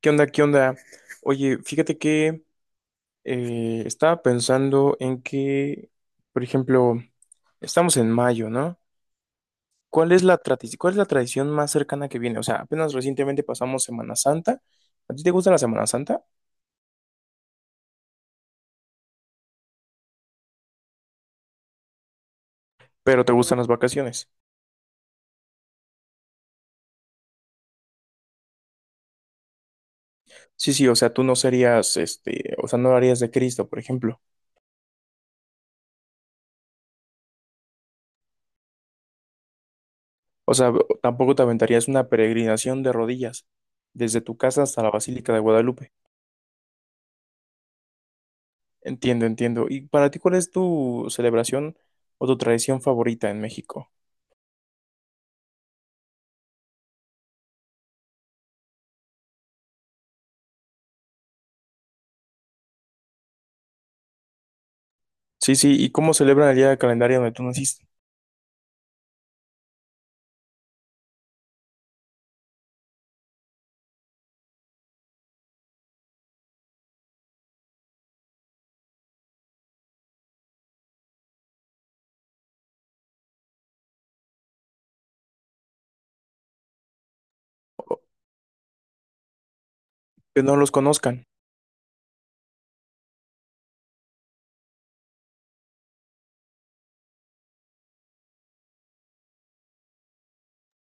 ¿Qué onda? ¿Qué onda? Oye, fíjate que estaba pensando en que, por ejemplo, estamos en mayo, ¿no? ¿Cuál es la tradición, cuál es la tradición más cercana que viene? O sea, apenas recientemente pasamos Semana Santa. ¿A ti te gusta la Semana Santa? Pero te gustan las vacaciones. Sí, sí, o sea, tú no serías, este, o sea, no harías de Cristo, por ejemplo. O sea, tampoco te aventarías una peregrinación de rodillas desde tu casa hasta la Basílica de Guadalupe. Entiendo, entiendo. ¿Y para ti cuál es tu celebración o tu tradición favorita en México? Sí, sí, ¿y cómo celebran el día del calendario donde tú naciste? O- Que no los conozcan.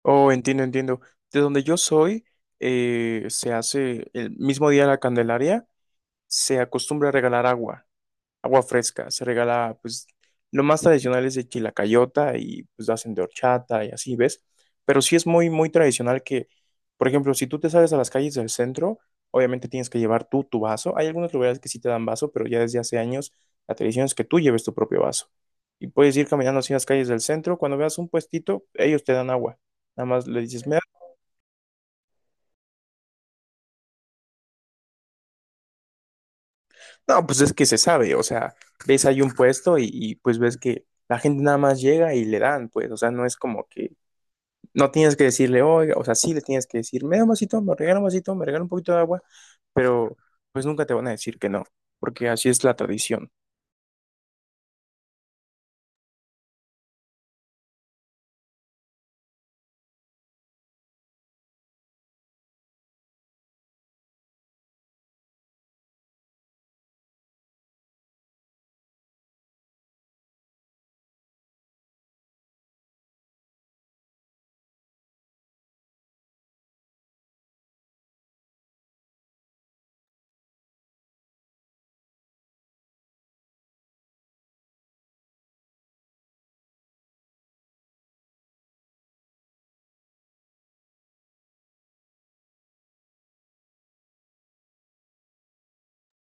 Oh, entiendo, entiendo. De donde yo soy, se hace el mismo día de la Candelaria, se acostumbra a regalar agua. Agua fresca. Se regala, pues, lo más tradicional es de chilacayota y pues hacen de horchata y así, ¿ves? Pero sí es muy, muy tradicional que, por ejemplo, si tú te sales a las calles del centro, obviamente tienes que llevar tú tu vaso. Hay algunos lugares que sí te dan vaso, pero ya desde hace años la tradición es que tú lleves tu propio vaso. Y puedes ir caminando así en las calles del centro. Cuando veas un puestito, ellos te dan agua. Nada más le dices, "Me da-". No, pues es que se sabe, o sea, ves ahí un puesto y pues ves que la gente nada más llega y le dan, pues, o sea, no es como que no tienes que decirle, oiga, o sea, sí le tienes que decir, me da un vasito, me regala un vasito, me regala un poquito de agua, pero pues nunca te van a decir que no, porque así es la tradición.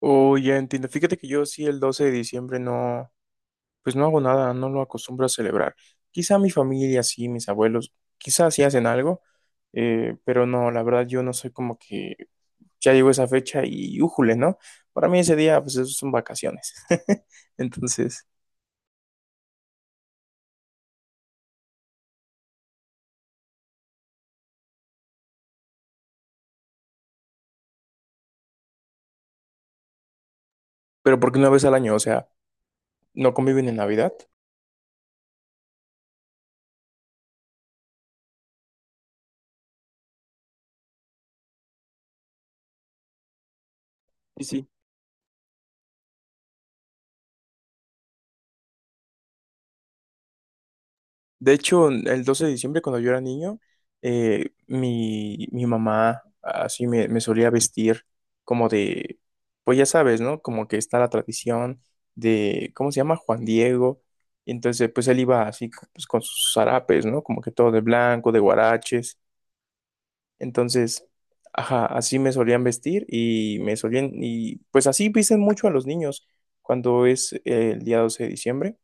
Oh, ya entiendo. Fíjate que yo sí el 12 de diciembre no, pues no hago nada, no lo acostumbro a celebrar. Quizá mi familia sí, mis abuelos, quizá sí hacen algo, pero no, la verdad yo no soy como que ya llegó esa fecha y újule, ¿no? Para mí ese día, pues esos son vacaciones. Entonces, pero porque una vez al año, o sea, no conviven en Navidad. Y sí. De hecho, el 12 de diciembre, cuando yo era niño, mi mamá así me solía vestir como de, pues ya sabes, ¿no? Como que está la tradición de, ¿cómo se llama? Juan Diego. Y entonces, pues él iba así pues, con sus zarapes, ¿no? Como que todo de blanco, de guaraches. Entonces, ajá, así me solían vestir y me solían, y pues así visten mucho a los niños cuando es el día 12 de diciembre,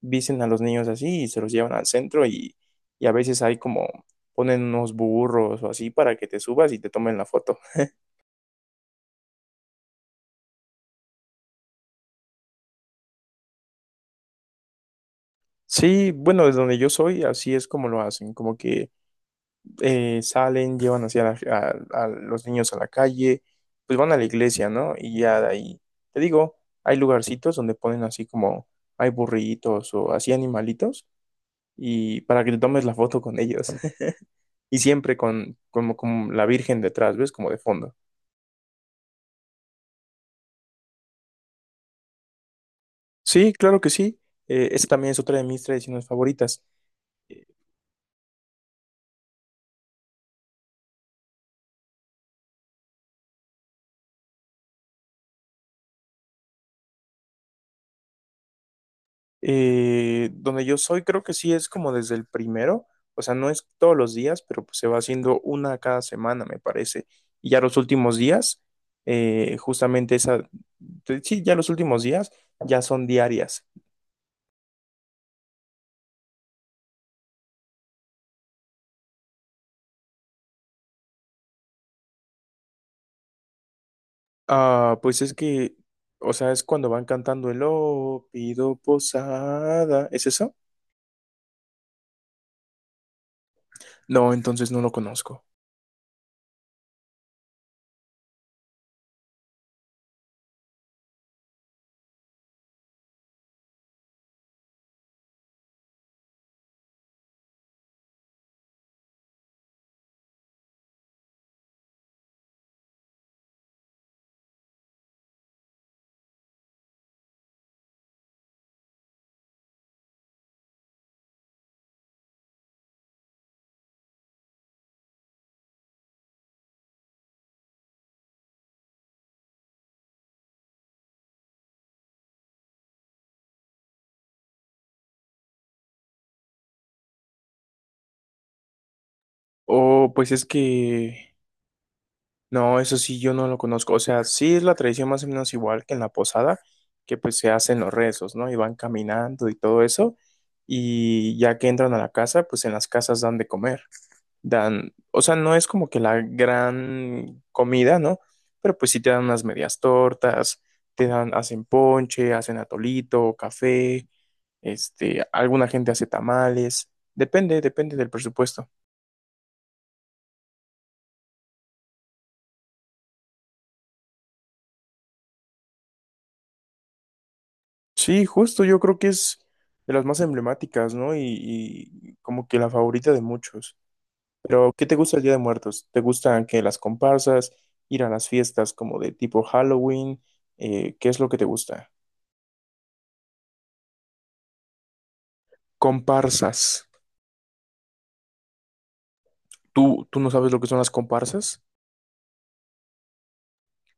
visten a los niños así y se los llevan al centro y a veces hay como ponen unos burros o así para que te subas y te tomen la foto. Sí, bueno, desde donde yo soy, así es como lo hacen, como que salen, llevan hacia la- a los niños a la calle, pues van a la iglesia, ¿no? Y ya de ahí, te digo, hay lugarcitos donde ponen así como, hay burritos o así animalitos, y para que te tomes la foto con ellos, y siempre con, como, con la Virgen detrás, ¿ves? Como de fondo. Sí, claro que sí. Esa también es otra de mis tradiciones favoritas. Donde yo soy, creo que sí es como desde el primero, o sea, no es todos los días, pero pues se va haciendo una cada semana, me parece. Y ya los últimos días, justamente esa, te- sí, ya los últimos días ya son diarias. Ah, pues es que, o sea, es cuando van cantando el oh, pido posada, ¿es eso? No, entonces no lo conozco. O pues es que no, eso sí, yo no lo conozco. O sea, sí es la tradición más o menos igual que en la posada, que pues se hacen los rezos, ¿no? Y van caminando y todo eso. Y ya que entran a la casa, pues en las casas dan de comer. Dan, o sea, no es como que la gran comida, ¿no? Pero pues sí te dan unas medias tortas, te dan, hacen ponche, hacen atolito, café, este, alguna gente hace tamales. Depende, depende del presupuesto. Sí, justo yo creo que es de las más emblemáticas, ¿no? Y como que la favorita de muchos. Pero, ¿qué te gusta el Día de Muertos? ¿Te gustan que las comparsas, ir a las fiestas como de tipo Halloween? ¿Qué es lo que te gusta? Comparsas. ¿Tú, tú no sabes lo que son las comparsas?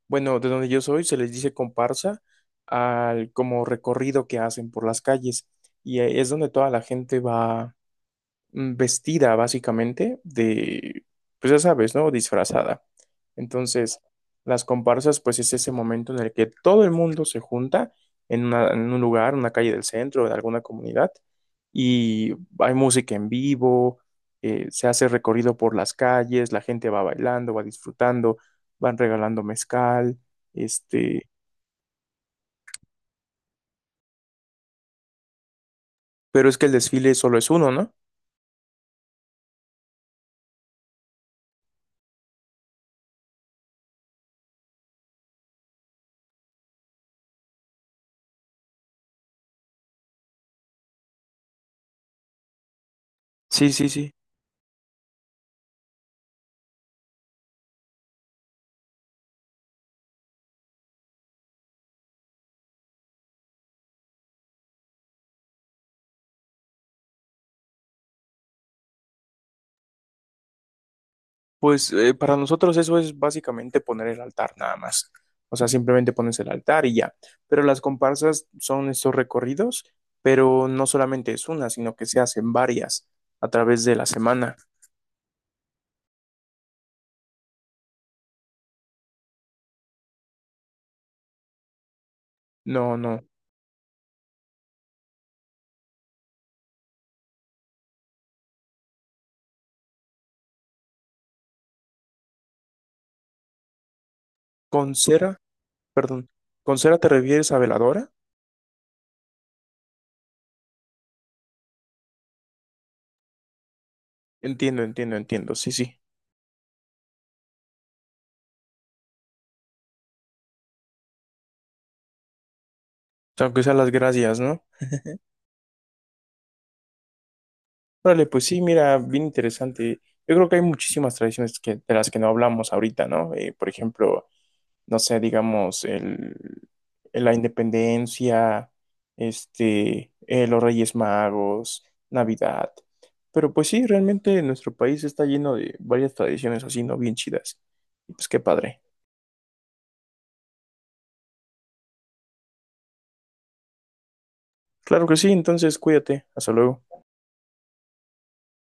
Bueno, de donde yo soy se les dice comparsa al como recorrido que hacen por las calles y es donde toda la gente va vestida básicamente de, pues ya sabes, ¿no? Disfrazada. Entonces, las comparsas, pues es ese momento en el que todo el mundo se junta en, una- en un lugar, una calle del centro, en alguna comunidad, y hay música en vivo, se hace recorrido por las calles, la gente va bailando, va disfrutando, van regalando mezcal, este, pero es que el desfile solo es uno, ¿no? Sí, sí, sí. Pues para nosotros eso es básicamente poner el altar nada más. O sea, simplemente pones el altar y ya. Pero las comparsas son estos recorridos, pero no solamente es una, sino que se hacen varias a través de la semana. No, no. Con cera, perdón. ¿Con cera te refieres a veladora? Entiendo, entiendo, entiendo. Sí, sí. Aunque sean las gracias, ¿no? Vale, pues sí, mira, bien interesante. Yo creo que hay muchísimas tradiciones que, de las que no hablamos ahorita, ¿no? Por ejemplo, no sé, digamos, el, la independencia, este, los Reyes Magos, Navidad. Pero pues sí, realmente nuestro país está lleno de varias tradiciones así, ¿no? Bien chidas. Y pues qué padre. Claro que sí, entonces cuídate. Hasta luego.